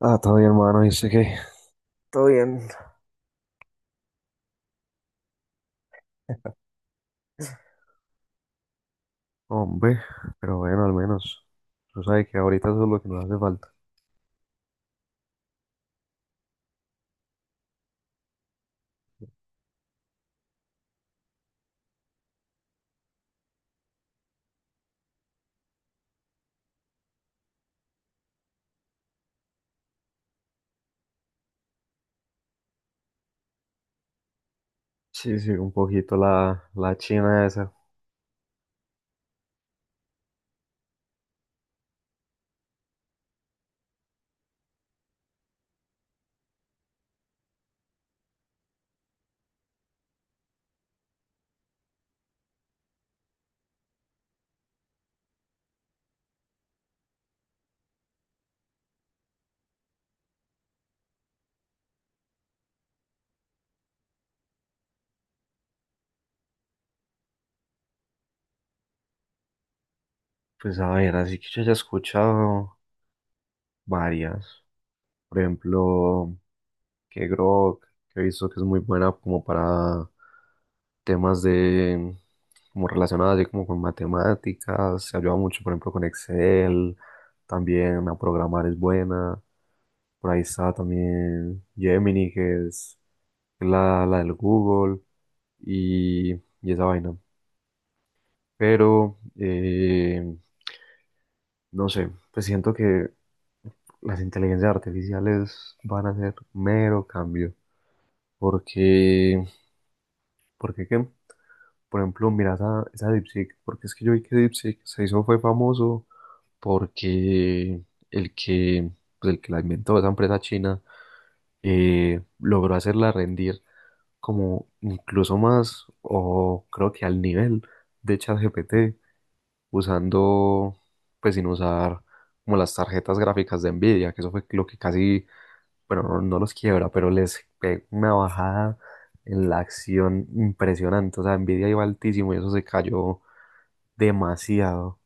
Ah, todavía hermano, dice que, hombre, pero bueno, al menos, tú sabes que ahorita eso es lo que nos hace falta. Sí, sí, un poquito la china esa. Pues a ver, así que yo ya he escuchado varias. Por ejemplo, que Grok, que he visto que es muy buena como para temas de, como relacionadas así como con matemáticas, se ayuda mucho, por ejemplo, con Excel, también a programar es buena, por ahí está también Gemini, que es la del Google y, y esa vaina. Pero, no sé, pues siento que las inteligencias artificiales van a hacer mero cambio. Porque, ¿por qué qué? Por ejemplo, mira esa DeepSeek, porque es que yo vi que DeepSeek se hizo, fue famoso porque el que, pues el que la inventó, esa empresa china, logró hacerla rendir como incluso más, o creo que al nivel de ChatGPT, usando, pues sin usar como las tarjetas gráficas de Nvidia, que eso fue lo que casi bueno, no los quiebra, pero les pega una bajada en la acción impresionante. O sea, Nvidia iba altísimo y eso se cayó demasiado.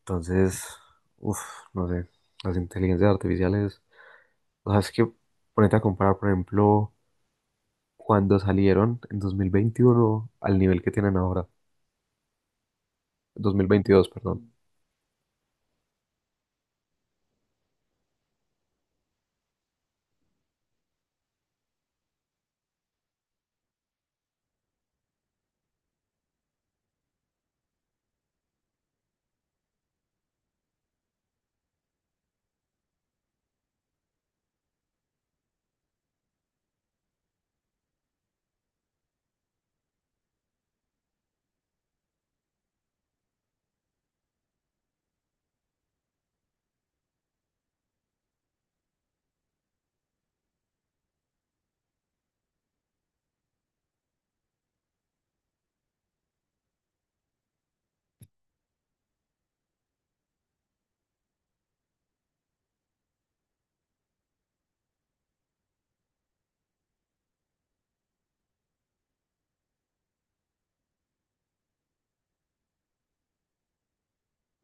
Entonces, uff, no sé, las inteligencias artificiales, o sea, es que ponete a comparar, por ejemplo, cuando salieron en 2021 al nivel que tienen ahora, 2022, perdón.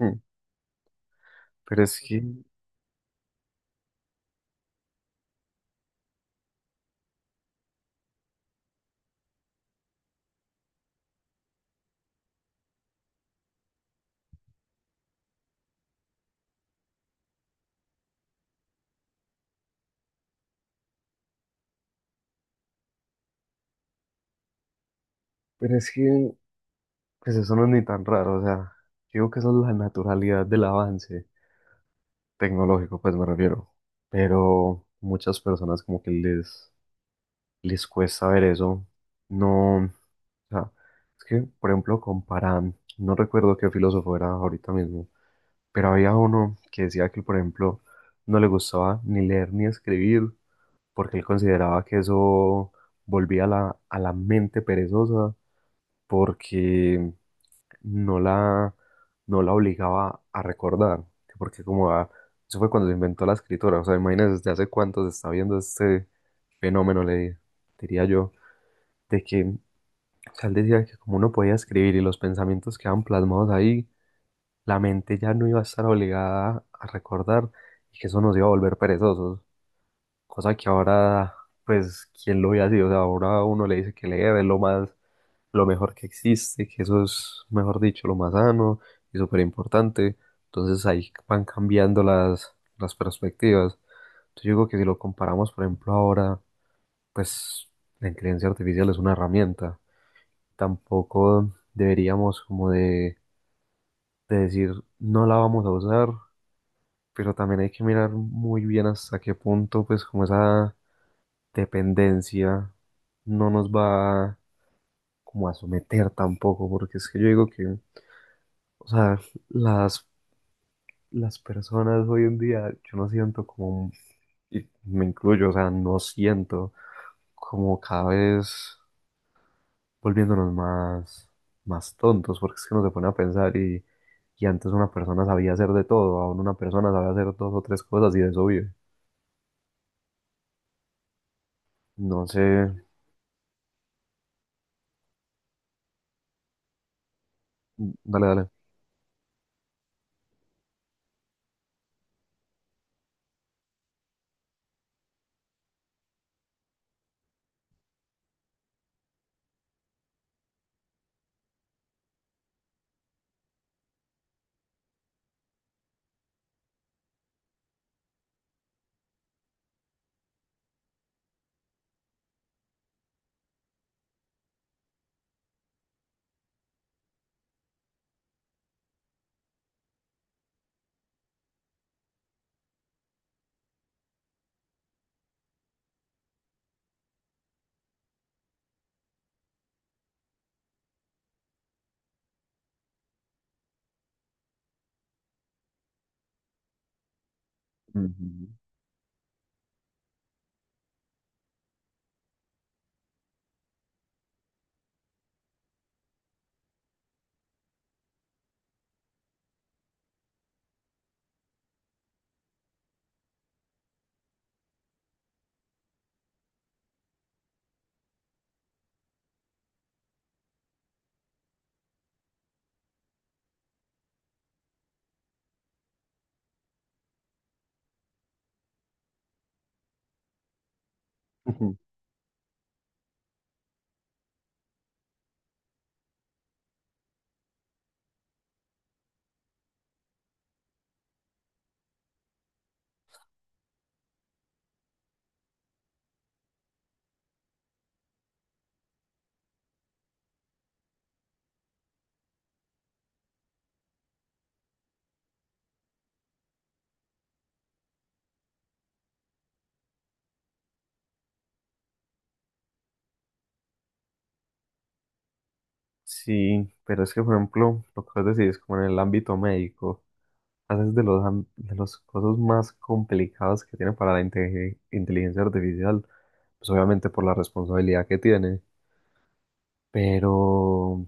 Mm. Pero es que, pero es que, pues eso no es ni tan raro, o sea, digo que eso es la naturalidad del avance tecnológico, pues me refiero. Pero muchas personas como que les cuesta ver eso. No, o sea, es que, por ejemplo, comparan, no recuerdo qué filósofo era ahorita mismo, pero había uno que decía que, por ejemplo, no le gustaba ni leer ni escribir porque él consideraba que eso volvía a a la mente perezosa porque no la, no la obligaba a recordar, que porque eso fue cuando se inventó la escritura, o sea, imagínense desde hace cuánto se está viendo este fenómeno, le diría yo, de que, o sea, él decía que como uno podía escribir y los pensamientos quedaban plasmados ahí, la mente ya no iba a estar obligada a recordar y que eso nos iba a volver perezosos, cosa que ahora, pues, ¿quién lo hubiera sido? O sea, ahora uno le dice que leer es lo mejor que existe, que eso es, mejor dicho, lo más sano y súper importante. Entonces ahí van cambiando las perspectivas. Entonces yo digo que si lo comparamos, por ejemplo, ahora, pues la inteligencia artificial es una herramienta. Tampoco deberíamos de decir no la vamos a usar, pero también hay que mirar muy bien hasta qué punto, pues como esa dependencia no nos va como a someter tampoco, porque es que yo digo que, o sea, las, las personas hoy en día, yo no siento como, y me incluyo, o sea, no siento como cada vez volviéndonos más tontos, porque es que uno se pone a pensar y antes una persona sabía hacer de todo, ahora una persona sabe hacer dos o tres cosas y de eso vive. No sé, mm, dale, dale. Ujú. Ujú. Sí, pero es que, por ejemplo, lo que vos decís, como en el ámbito médico. Haces de los, de los cosas más complicadas que tiene para la inteligencia artificial, pues obviamente por la responsabilidad que tiene, pero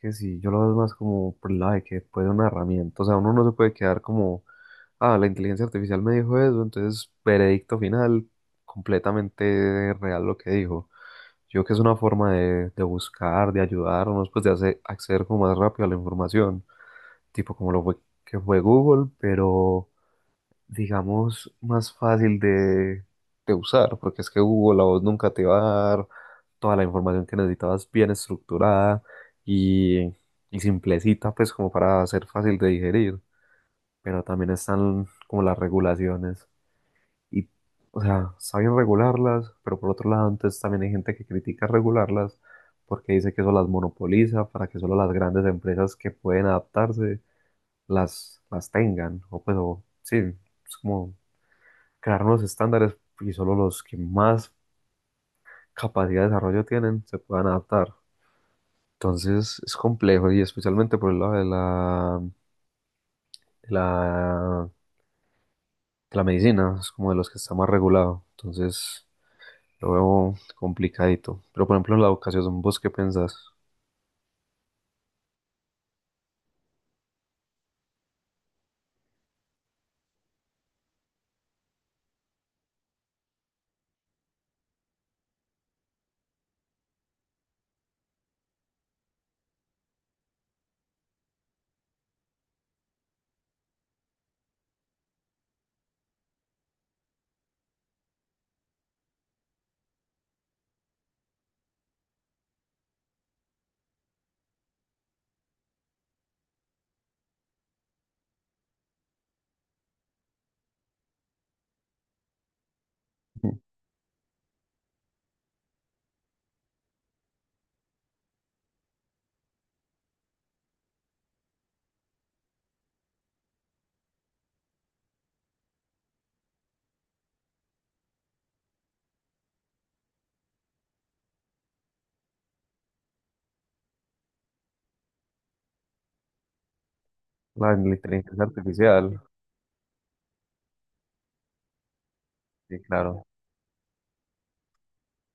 que sí, yo lo veo más como por el lado de que puede una herramienta, o sea, uno no se puede quedar como, ah, la inteligencia artificial me dijo eso, entonces veredicto final, completamente real lo que dijo. Yo creo que es una forma de buscar, de ayudarnos, pues de hacer, acceder como más rápido a la información, tipo como lo fue, que fue Google, pero digamos, más fácil de usar, porque es que Google a vos nunca te va a dar toda la información que necesitabas bien estructurada y, y simplecita, pues como para ser fácil de digerir. Pero también están como las regulaciones y, o sea, saben regularlas, pero por otro lado, antes también hay gente que critica regularlas porque dice que eso las monopoliza para que solo las grandes empresas que pueden adaptarse las tengan, o pues, o, sí, es como crear unos estándares y solo los que más capacidad de desarrollo tienen se puedan adaptar. Entonces es complejo y especialmente por el lado de de la, de la medicina, es como de los que está más regulado. Entonces lo veo complicadito. Pero por ejemplo en la educación, ¿vos qué pensás? La, la inteligencia artificial, sí, claro.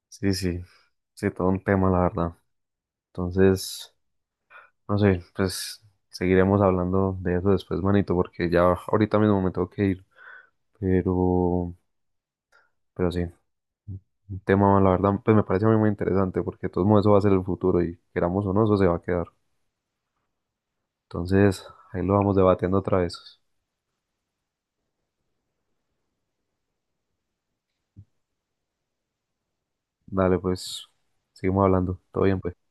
Sí, sí, sí, todo un tema, la verdad. Entonces, no sé, pues seguiremos hablando de eso después, manito, porque ya ahorita mismo me tengo que ir. Pero, pero sí, un tema, la verdad, pues me parece a mí muy interesante porque de todos modos eso va a ser el futuro y queramos o no, eso se va a quedar. Entonces, ahí lo vamos debatiendo otra vez. Dale, pues, seguimos hablando. Todo bien, pues.